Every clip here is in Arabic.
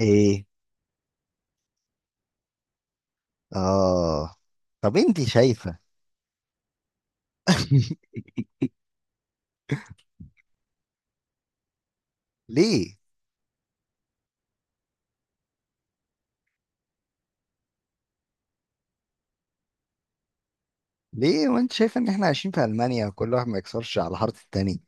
ايه اه. طب انت شايفة؟ ليه ليه وانت شايفة ان احنا عايشين في المانيا وكل واحد ما يكسرش على حارة التاني؟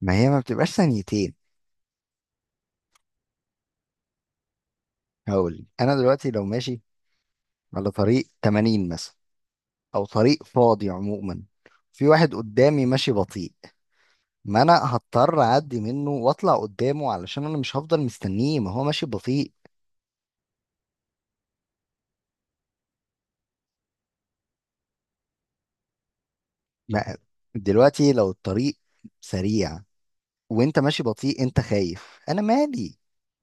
ما هي ما بتبقاش ثانيتين. هقول انا دلوقتي لو ماشي على طريق 80 مثلا، او طريق فاضي عموما، في واحد قدامي ماشي بطيء، ما انا هضطر اعدي منه واطلع قدامه علشان انا مش هفضل مستنيه، ما هو ماشي بطيء. ما دلوقتي لو الطريق سريع وانت ماشي بطيء، انت خايف، انا مالي؟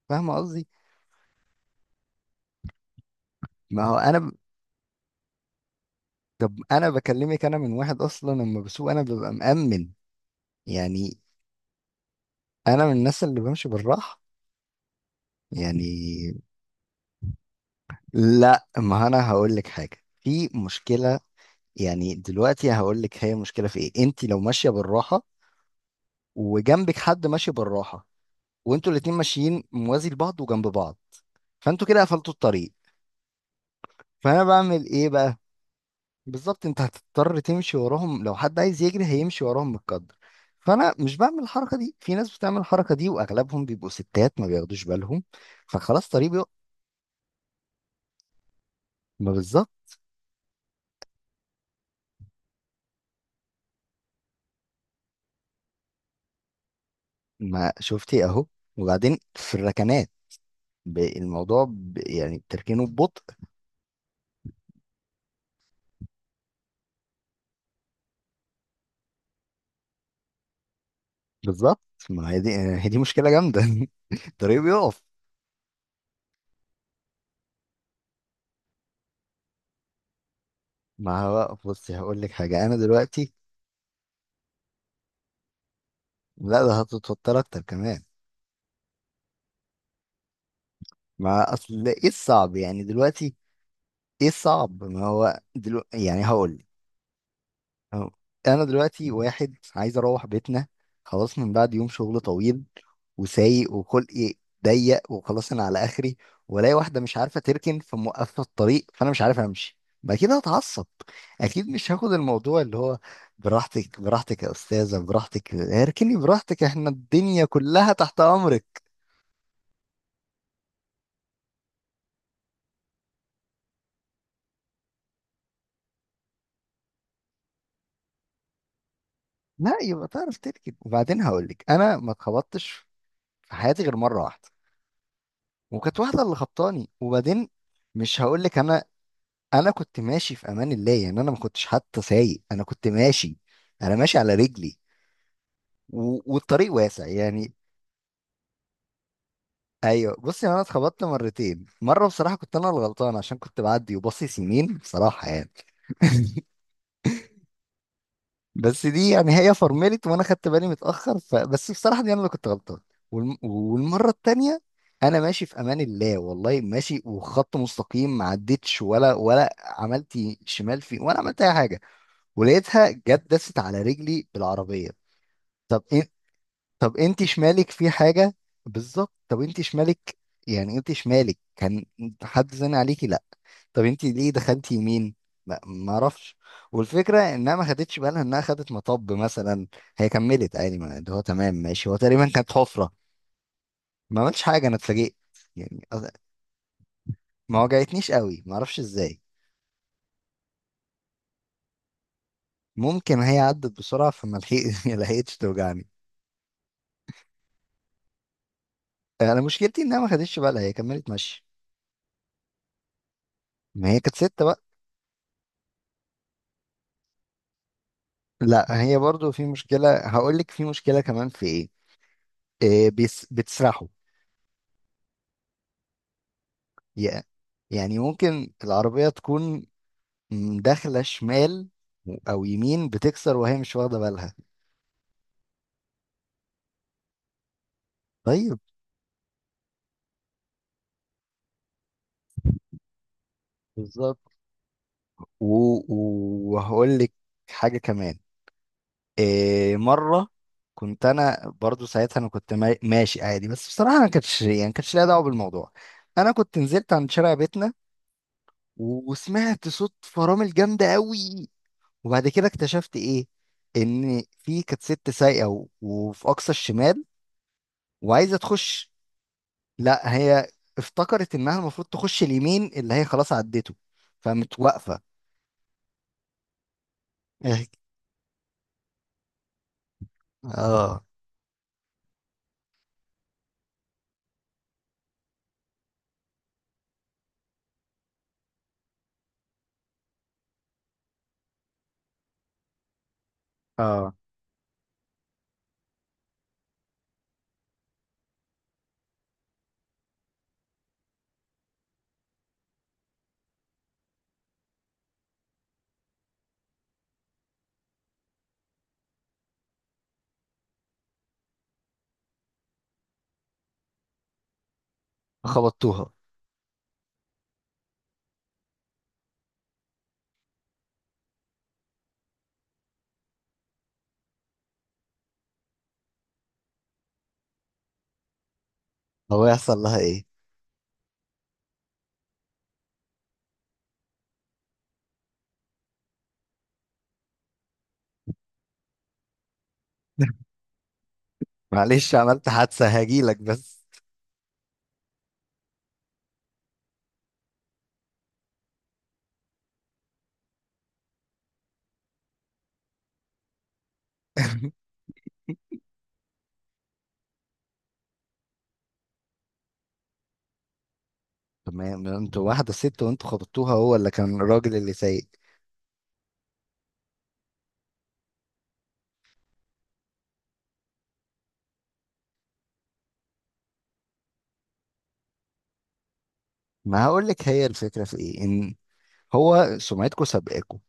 فاهم قصدي؟ ما هو انا ب... طب انا بكلمك، انا من واحد اصلا لما بسوق انا ببقى مأمن يعني. انا من الناس اللي بمشي بالراحه يعني. لا ما انا هقول لك حاجه، في مشكله. يعني دلوقتي هقول لك هي مشكله في ايه. انت لو ماشيه بالراحه وجنبك حد ماشي بالراحه وانتوا الاتنين ماشيين موازي لبعض وجنب بعض، فانتوا كده قفلتوا الطريق. فانا بعمل ايه بقى؟ بالظبط، انت هتضطر تمشي وراهم، لو حد عايز يجري هيمشي وراهم، متقدر. فانا مش بعمل الحركه دي، في ناس بتعمل الحركه دي واغلبهم بيبقوا ستات، ما بياخدوش بالهم، فخلاص طريق بيقف. ما بالظبط. ما شفتي اهو. وبعدين في الركنات، يعني بتركينه ببطء. بالظبط. ما هي دي مشكله جامده. الطريق بيقف. ما هو بصي هقول لك حاجه، انا دلوقتي. لا ده هتتوتر اكتر كمان. ما اصل ايه الصعب يعني دلوقتي؟ ايه الصعب؟ ما هو دلوقتي يعني هقول. أه. انا دلوقتي واحد عايز اروح بيتنا، خلاص، من بعد يوم شغل طويل، وسايق وخلقي ضيق، وخلاص انا على اخري، والاقي واحده مش عارفه تركن فموقفه الطريق، فانا مش عارف امشي. ما اكيد هتعصب، اكيد مش هاخد الموضوع اللي هو براحتك براحتك يا استاذه، براحتك اركني براحتك، احنا الدنيا كلها تحت امرك. لا يبقى تعرف تركن. وبعدين هقول لك انا ما اتخبطتش في حياتي غير مره واحده، وكانت واحده اللي خبطاني. وبعدين مش هقول لك انا، انا كنت ماشي في امان الله، يعني انا ما كنتش حتى سايق، انا كنت ماشي. انا ماشي على رجلي والطريق واسع يعني. ايوه بص، يعني انا اتخبطت مرتين. مره بصراحه كنت انا الغلطان، عشان كنت بعدي وباصص يمين بصراحه يعني. بس دي يعني هي فرملت وانا خدت بالي متاخر، فبس بصراحه دي انا اللي كنت غلطان. والمره التانيه، انا ماشي في امان الله والله، ماشي وخط مستقيم، ما عدتش ولا عملت شمال فيه، ولا عملت اي حاجه، ولقيتها جت دست على رجلي بالعربية. طب إيه؟ طب انت شمالك في حاجة؟ بالظبط. طب انت شمالك، يعني انت شمالك كان حد زن عليكي؟ لا. طب انت ليه دخلتي يمين؟ ما اعرفش. والفكرة انها ما خدتش بالها، انها خدت مطب مثلا، هي كملت عادي، ما اللي هو تمام ماشي، هو تقريبا كانت حفرة. ما عملتش حاجة، انا اتفاجئت يعني. ما وجعتنيش قوي، ما اعرفش ازاي. ممكن هي عدت بسرعة لحقتش توجعني. انا مشكلتي انها ما خدتش بالها، هي كملت ماشية. ما هي كانت ستة بقى. لا هي برضو في مشكلة، هقول لك في مشكلة كمان، في ايه، إيه، بيس بتسرحوا. يا- يعني ممكن العربية تكون داخلة شمال او يمين، بتكسر وهي مش واخدة بالها. طيب. بالظبط. و- و- وهقول لك حاجة كمان. إيه، مرة كنت انا برضو ساعتها، انا كنت ماشي عادي، بس بصراحة انا كانتش يعني كانتش ليها دعوة بالموضوع. انا كنت نزلت عند شارع بيتنا، وسمعت صوت فرامل جامدة قوي، وبعد كده اكتشفت ايه، ان في كانت ست سايقه، و- وفي اقصى الشمال وعايزه تخش. لا هي افتكرت انها المفروض تخش اليمين اللي هي خلاص عدته، فقامت واقفه. اه اه. خبطتوها؟ هو يحصل لها ايه؟ معلش عملت حادثه هجيلك بس. تمام انتوا واحده ست وانتوا خبطتوها، هو اللي كان الراجل اللي سايق. ما هقول لك، هي الفكره في ايه؟ ان هو سمعتكم سابقاكم.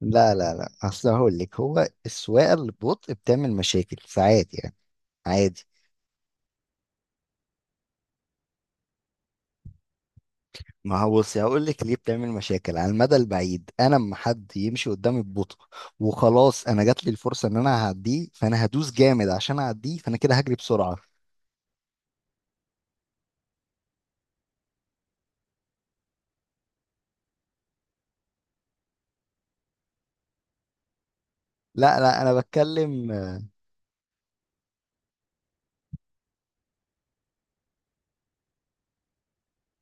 لا لا لا، اصل هقول لك، هو السواقه اللي ببطء بتعمل مشاكل ساعات يعني، عادي. ما هو بصي هقول لك ليه بتعمل مشاكل على المدى البعيد. انا اما حد يمشي قدامي ببطء وخلاص انا جات لي الفرصه ان انا هعديه، فانا هدوس جامد عشان اعديه، فانا كده هجري بسرعه. لا لا انا بتكلم.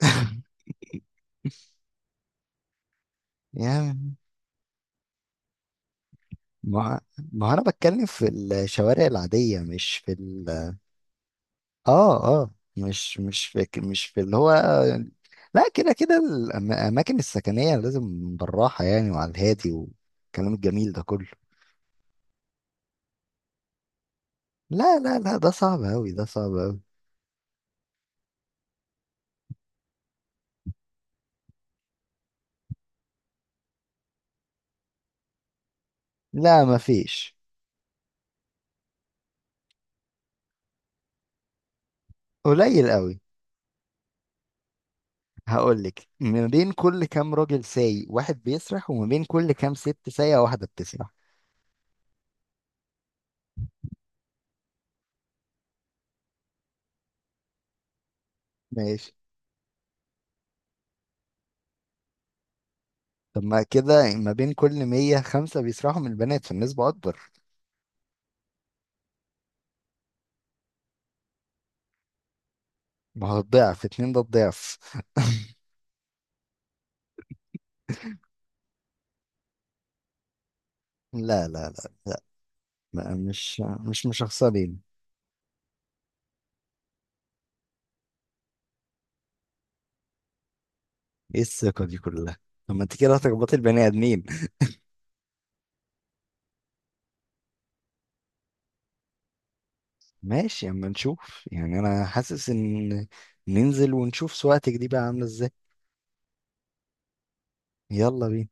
يعني ما ما هو انا بتكلم في الشوارع العاديه، مش في ال... اه اه. مش فاكر، مش في اللي هو يعني. لا، كده كده الأماكن السكنية لازم بالراحة يعني، وعلى الهادي والكلام الجميل ده كله. لا لا لا، ده صعب أوي، ده صعب أوي. لا مفيش، قليل أوي. هقولك، ما بين كل كام راجل سايق واحد بيسرح، وما بين كل كام ست سايقة واحدة بتسرح. ماشي. طب ما كده ما بين كل 100 خمسة بيسرحوا من البنات، فالنسبة أكبر. ما هو الضعف اتنين، ده الضعف. لا لا لا لا، مش مشخصنين. ايه الثقة دي كلها؟ طب ما انت كده هتخبطي البني ادمين. ماشي اما نشوف. يعني انا حاسس ان ننزل ونشوف سواقتك دي بقى عاملة ازاي. يلا بينا.